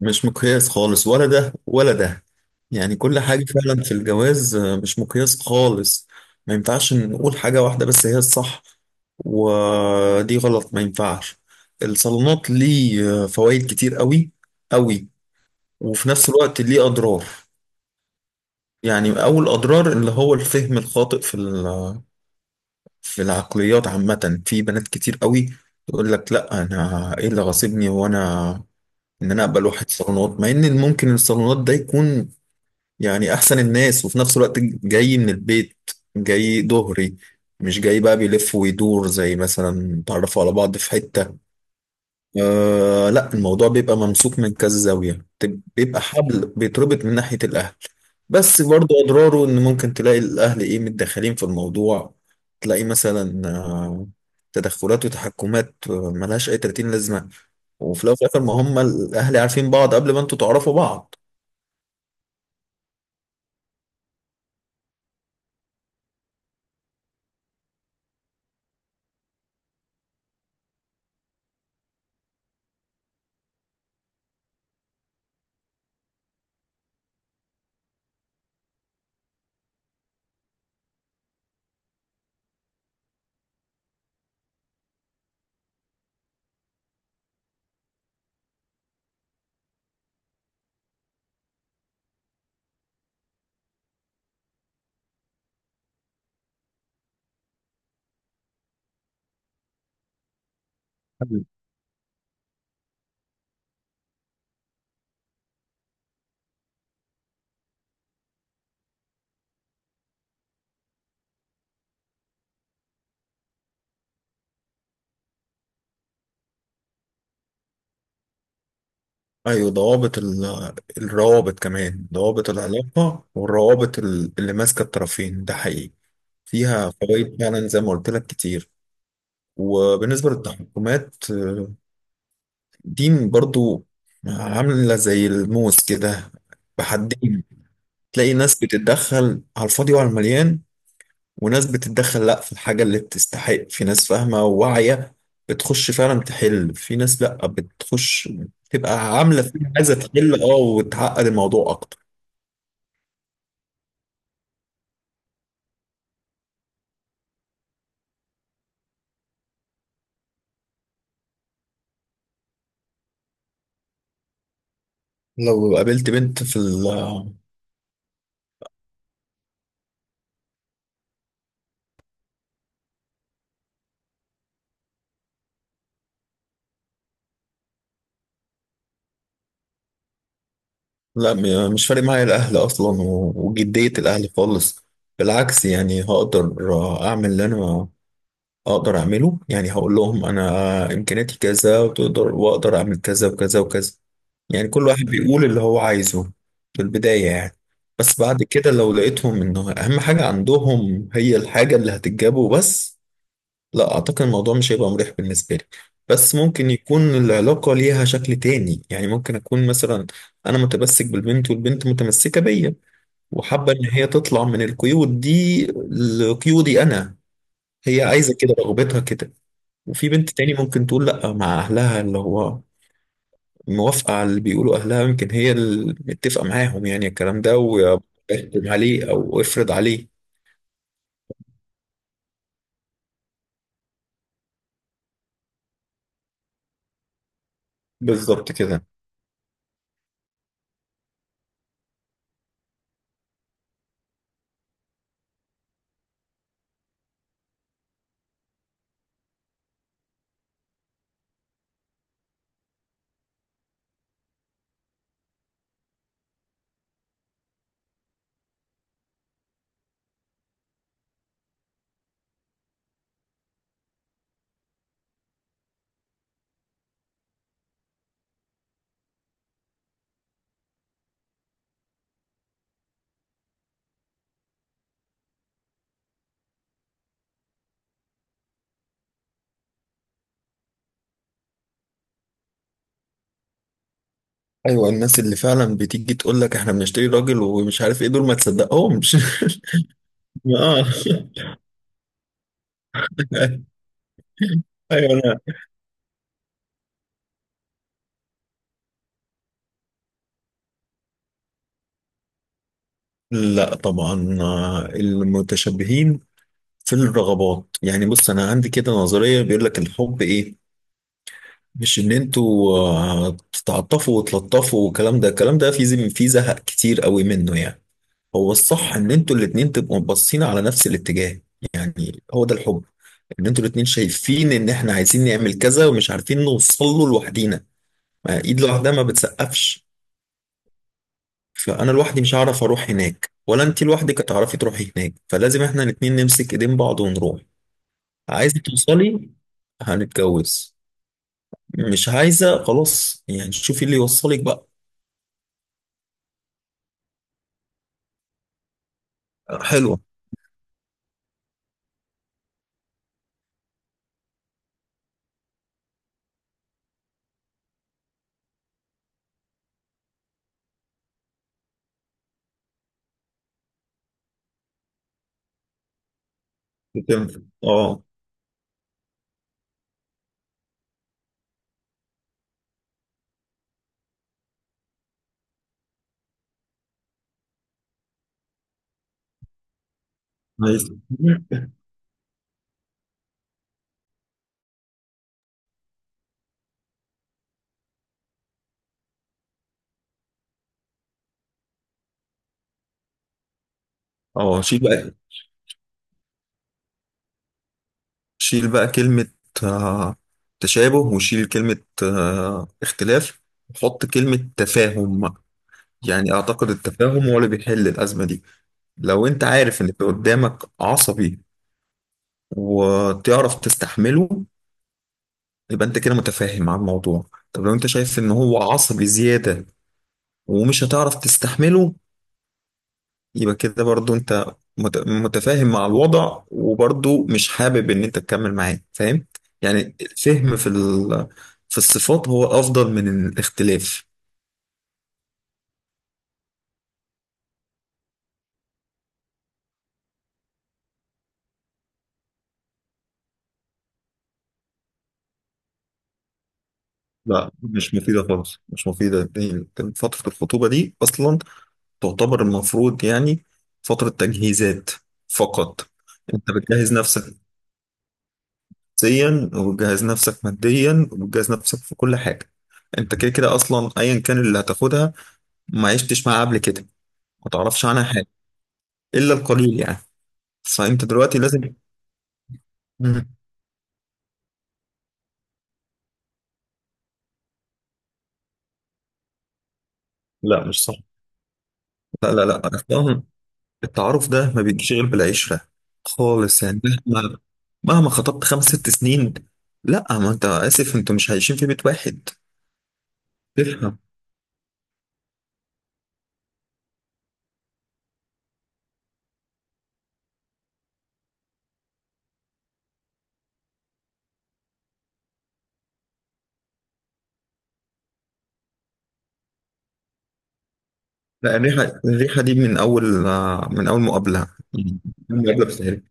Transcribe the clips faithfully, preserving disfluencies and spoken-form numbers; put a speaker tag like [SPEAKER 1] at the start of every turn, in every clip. [SPEAKER 1] مش مقياس خالص، ولا ده ولا ده. يعني كل حاجة فعلا في الجواز آه، مش مقياس خالص. ما ينفعش نقول حاجة واحدة بس هي الصح، ودي غلط ما ينفعش. الصالونات ليه فوائد كتير قوي قوي، وفي نفس الوقت ليه أضرار. يعني أول أضرار اللي هو الفهم الخاطئ في ال- في العقليات عامة. في بنات كتير قوي تقول لك لا، أنا إيه اللي غاصبني، وأنا إن أنا أقبل واحد صالونات، مع إن ممكن الصالونات ده يكون يعني احسن الناس، وفي نفس الوقت جاي من البيت، جاي ظهري، مش جاي بقى بيلف ويدور زي مثلا تعرفوا على بعض في حتة. آه لا، الموضوع بيبقى ممسوك من كذا زاوية، تب- بيبقى حبل بيتربط من ناحية الاهل. بس برضو اضراره ان ممكن تلاقي الاهل ايه متدخلين في الموضوع. تلاقي مثلا آه، تدخلات وتحكمات، آه، ملهاش اي تلاتين لازمة. وفي الاول وفي الاخر ما هم الاهل عارفين بعض قبل ما انتوا تعرفوا بعض. ايوه، ضوابط ال- الروابط، كمان ضوابط العلاقه والروابط ال- اللي ماسكه الطرفين ده حقيقي. فيها فوائد فعلا زي ما قلت لك كتير. وبالنسبه للتحكمات آه، دي برضو عامله زي الموس كده، بحدين. تلاقي ناس بتتدخل على الفاضي وعلى المليان، وناس بتتدخل لا في الحاجه اللي بتستحق، في ناس فاهمه وواعيه بتخش فعلا تحل، في ناس لا بتخش تبقى عامله فيها عايزه تحل اه وتعقد الموضوع اكتر. لو قابلت بنت في ال، لا، م- مش فارق معايا الأهل أصلا و- وجدية الأهل خالص. بالعكس يعني هقدر أعمل اللي أنا أقدر أعمله، يعني هقول لهم أنا إمكانياتي كذا، وتقدر وأقدر أعمل كذا وكذا وكذا. يعني كل واحد بيقول اللي هو عايزه في البداية يعني. بس بعد كده لو لقيتهم إنه أهم حاجة عندهم هي الحاجة اللي هتجابه بس، لا اعتقد الموضوع مش هيبقى مريح بالنسبه لي. بس ممكن يكون العلاقه ليها شكل تاني، يعني ممكن اكون مثلا انا متمسك بالبنت والبنت متمسكه بيا، وحابه ان هي تطلع من القيود دي لقيودي انا، هي عايزه كده، رغبتها كده. وفي بنت تاني ممكن تقول لا، مع اهلها اللي هو موافقه على اللي بيقولوا اهلها، يمكن هي اللي متفقه معاهم يعني الكلام ده، ويحكم عليه او افرض عليه. بالظبط كده. ايوه، الناس اللي فعلا بتيجي تقول لك احنا بنشتري راجل ومش عارف ايه دول، ما تصدقهمش. اه. ايوه. لا، لا طبعا، آه، المتشابهين في الرغبات. يعني بص، انا عندي كده نظريه، بيقول لك الحب ايه؟ مش ان انتوا آه، تتعاطفوا وتلطفوا والكلام ده، الكلام ده في في زهق كتير قوي منه يعني. هو الصح ان انتوا الاتنين تبقوا باصين على نفس الاتجاه، يعني هو ده الحب. ان انتوا الاتنين شايفين ان احنا عايزين نعمل كذا ومش عارفين نوصل له لوحدينا. ما ايد لوحدها ما بتسقفش. فانا لوحدي مش هعرف اروح هناك، ولا انت لوحدك هتعرفي تروحي هناك، فلازم احنا الاتنين نمسك ايدين بعض ونروح. عايزه توصلي؟ هنتجوز. مش عايزه؟ خلاص يعني، شوفي اللي يوصلك بقى. حلوه بتنفع. اه. عايز. اه، شيل بقى شيل بقى كلمة آه، تشابه، وشيل كلمة آه، اختلاف، وحط كلمة تفاهم بقى. يعني أعتقد التفاهم هو اللي بيحل الأزمة دي. لو أنت عارف إن اللي قدامك عصبي وتعرف تستحمله، يبقى أنت كده متفاهم مع الموضوع. طب لو أنت شايف إن هو عصبي زيادة ومش هتعرف تستحمله، يبقى كده برضو انت مت- متفاهم مع الوضع، وبرضو مش حابب ان انت تكمل معاه، فاهم؟ يعني الفهم في ال... في الصفات هو افضل من الاختلاف. لا مش مفيدة خالص، مش مفيدة دي- فترة الخطوبة دي أصلا تعتبر المفروض يعني فترة تجهيزات فقط. أنت بتجهز نفسك نفسيا، وبتجهز نفسك ماديا، وبتجهز نفسك في كل حاجة. أنت كده كده أصلا أيا كان اللي هتاخدها، ما عشتش معاه قبل كده، ما تعرفش عنها حاجة إلا القليل يعني. فأنت دلوقتي لازم. مم. لا مش صح. لا لا لا، أصلاً التعارف ده ما بيجيش غير بالعشرة خالص يعني. مهما مهما خطبت خمس ست سنين، لا، ما أنت آسف، أنتوا مش عايشين في بيت واحد. تفهم. لا، الريحة الريحة دي من أول آه، من أول مقابلة مم. المقابلة بتاعتك.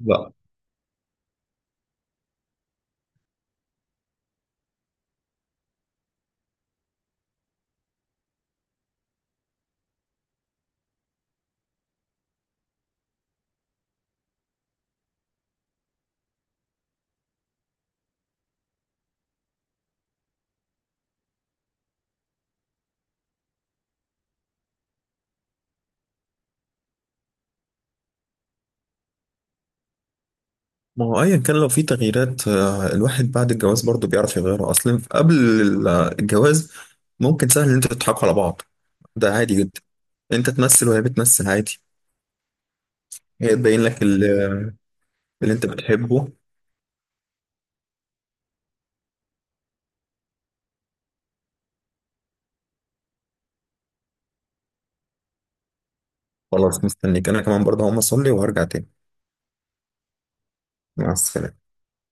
[SPEAKER 1] لا، ما هو ايا كان لو في تغييرات، آه، الواحد بعد الجواز برضه بيعرف يغيرها، اصلا قبل ال- الجواز. ممكن سهل ان انتوا تضحكوا على بعض، ده عادي جدا، انت تمثل وهي بتمثل عادي. هي تبين لك ال- اللي انت بتحبه. خلاص، مستنيك، انا كمان برضه هقوم اصلي وهرجع تاني. مع السلامة.